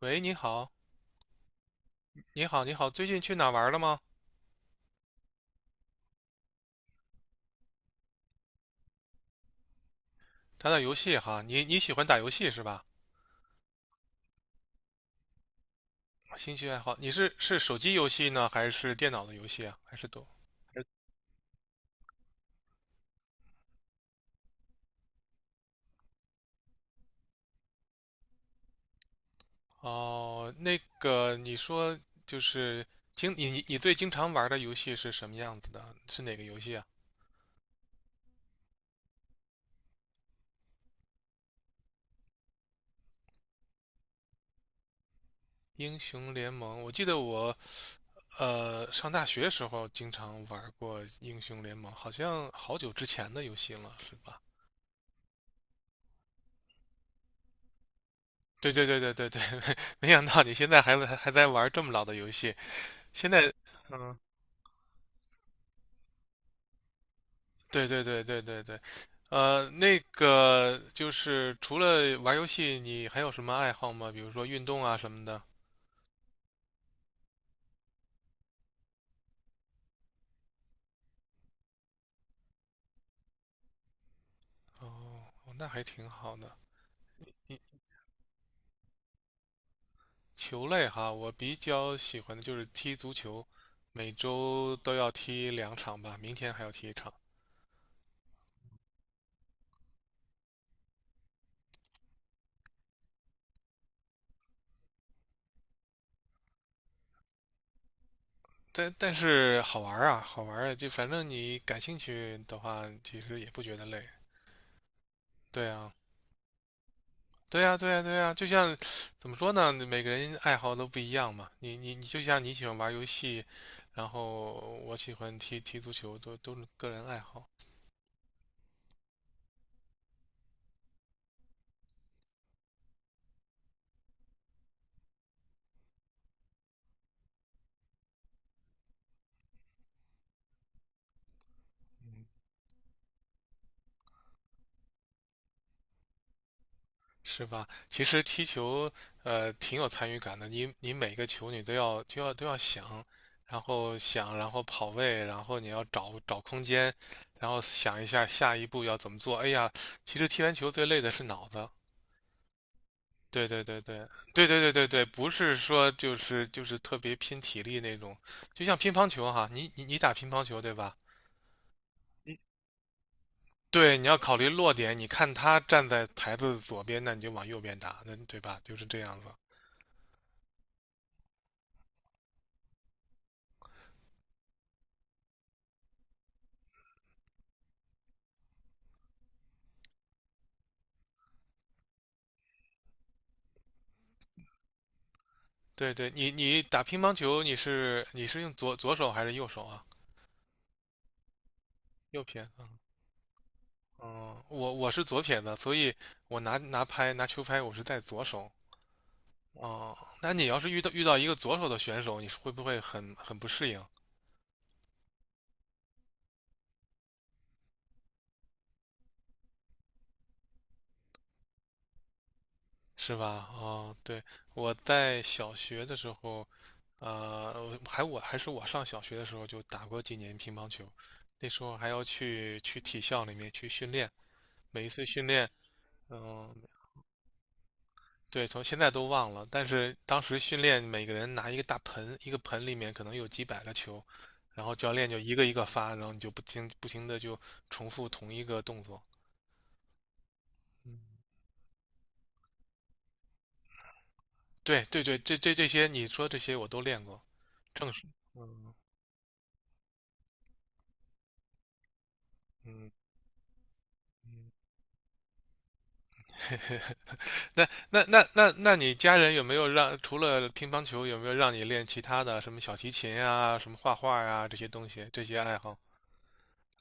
喂，你好，你好，你好，最近去哪玩了吗？打打游戏哈，你喜欢打游戏是吧？兴趣爱好，你是手机游戏呢，还是电脑的游戏啊？还是都？还是哦，那个你说就是你最经常玩的游戏是什么样子的？是哪个游戏啊？英雄联盟，我记得我上大学时候经常玩过英雄联盟，好像好久之前的游戏了，是吧？对对对对对对，没想到你现在还在玩这么老的游戏。现在，嗯，对对对对对对，那个就是除了玩游戏，你还有什么爱好吗？比如说运动啊什么的。哦，那还挺好的。你球类哈，我比较喜欢的就是踢足球，每周都要踢2场吧，明天还要踢一场。但是好玩儿啊，好玩儿啊，就反正你感兴趣的话，其实也不觉得累。对啊。对呀，对呀，对呀，就像怎么说呢？每个人爱好都不一样嘛。你你你，就像你喜欢玩游戏，然后我喜欢踢踢足球，都是个人爱好，是吧？其实踢球，挺有参与感的。你每个球你都要想，然后想，然后跑位，然后你要找找空间，然后想一下下一步要怎么做。哎呀，其实踢完球最累的是脑子。对对对对对对对对对，不是说就是特别拼体力那种，就像乒乓球哈，你打乒乓球对吧？你对，你要考虑落点，你看他站在台子左边，那你就往右边打，那对吧？就是这样子。对对，你打乒乓球，你是用左手还是右手啊？右撇子。嗯，我是左撇子，所以我拿球拍，我是在左手。哦，那你要是遇到一个左手的选手，你是会不会很不适应？是吧？哦，对，我在小学的时候，呃，还我还是我上小学的时候就打过几年乒乓球，那时候还要去体校里面去训练，每一次训练，嗯、对，从现在都忘了，但是当时训练每个人拿一个大盆，一个盆里面可能有几百个球，然后教练就一个一个发，然后你就不停的就重复同一个动作。嗯，对对对，这些你说这些我都练过，正是，嗯嗯嗯。那你家人有没有让除了乒乓球，有没有让你练其他的什么小提琴啊、什么画画呀、这些东西这些爱好？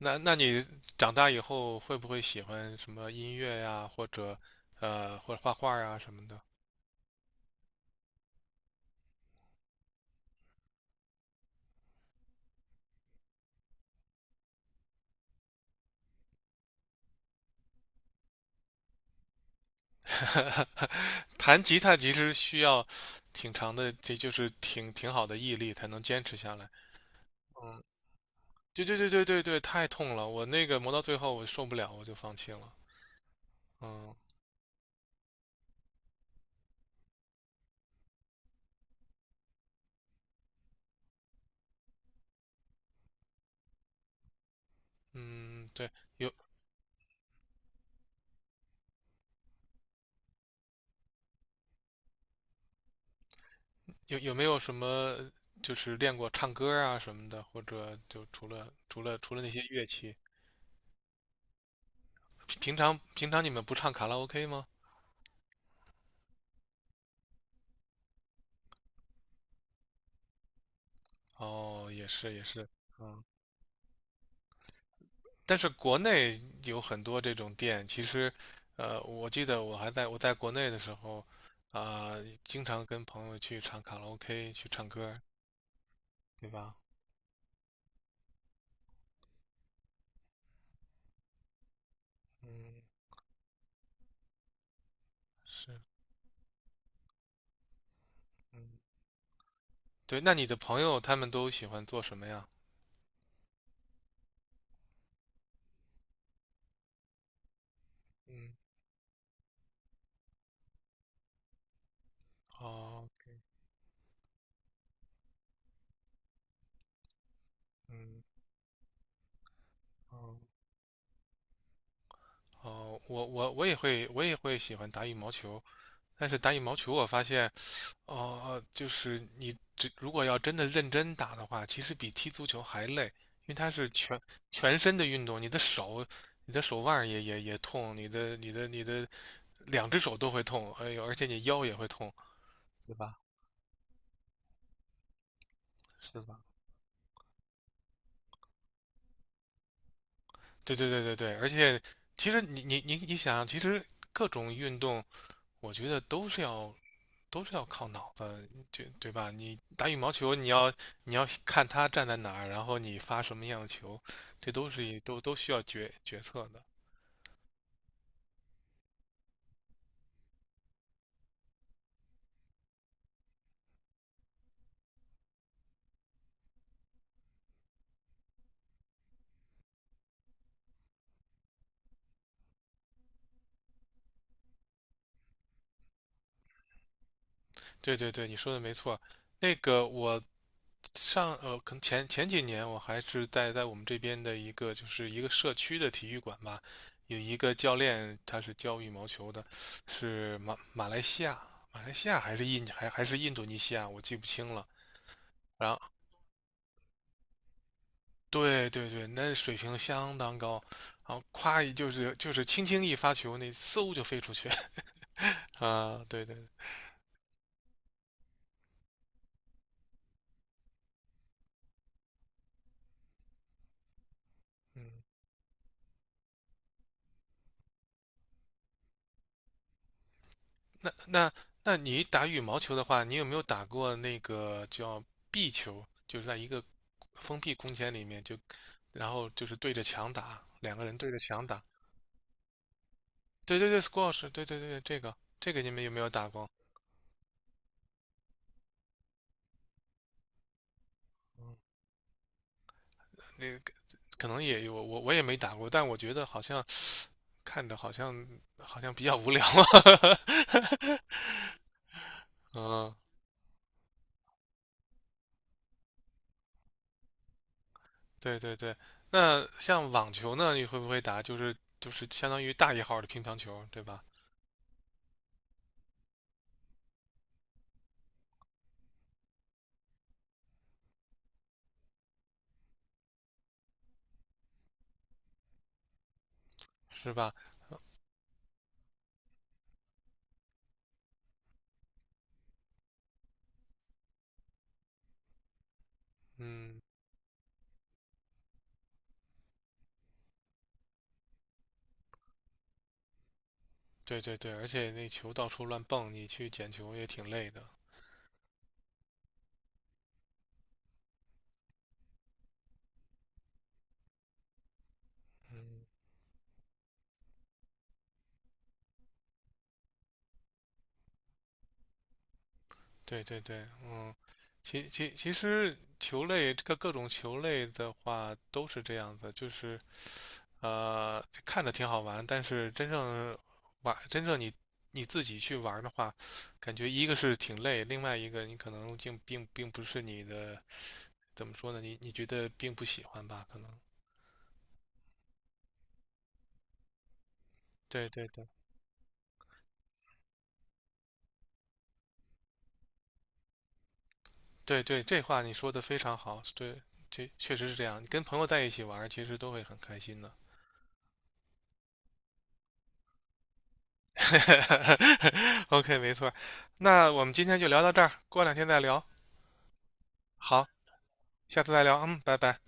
那你长大以后会不会喜欢什么音乐呀，或者画画啊什么的？弹吉他其实需要挺长的，这就是挺好的毅力才能坚持下来。嗯，对对对对对对，太痛了，我那个磨到最后我受不了，我就放弃了。嗯嗯，对。有。有没有什么就是练过唱歌啊什么的，或者就除了那些乐器，平常你们不唱卡拉 OK 吗？哦，也是也是，嗯，但是国内有很多这种店，其实，我记得我在国内的时候，啊、经常跟朋友去唱卡拉 OK 去唱歌，对吧？嗯，是，嗯，对，那你的朋友他们都喜欢做什么呀？嗯，哦，嗯，哦。哦，我也会，我也会喜欢打羽毛球，但是打羽毛球我发现，哦，就是你如果要真的认真打的话，其实比踢足球还累，因为它是全身的运动，你的手、你的手腕儿也痛，你的两只手都会痛，哎呦，而且你腰也会痛，对吧？是吧？对对对对对，而且其实你想，其实各种运动，我觉得都是要靠脑子，对对吧？你打羽毛球，你要看他站在哪儿，然后你发什么样的球，这都是都需要决策的。对对对，你说的没错。那个我可能前几年我还是在我们这边的一个社区的体育馆吧，有一个教练他是教羽毛球的，是马来西亚，马来西亚还是还是印度尼西亚，我记不清了。然后。对对对，那水平相当高，然后夸一就是就是轻轻一发球，那嗖就飞出去 啊！对对，嗯，那那那你打羽毛球的话，你有没有打过那个叫壁球？就是在一个封闭空间里面就，然后就是对着墙打，2个人对着墙打。对对对，squash，对对对，这个你们有没有打过？嗯，那个可能也有，我也没打过，但我觉得好像。看着好像比较无聊啊。嗯，对对对。那像网球呢，你会不会打？就是相当于大一号的乒乓球，对吧？是吧？嗯，对对对，而且那球到处乱蹦，你去捡球也挺累的。嗯，对对对，嗯，其实球类这个各种球类的话都是这样子，就是。看着挺好玩，但是真正真正你自己去玩的话，感觉一个是挺累，另外一个你可能并不是你的，怎么说呢？你觉得并不喜欢吧？可能。对对对对对，这话你说的非常好，对，这确实是这样。你跟朋友在一起玩，其实都会很开心的。OK，没错。那我们今天就聊到这儿，过两天再聊。好，下次再聊。嗯，拜拜。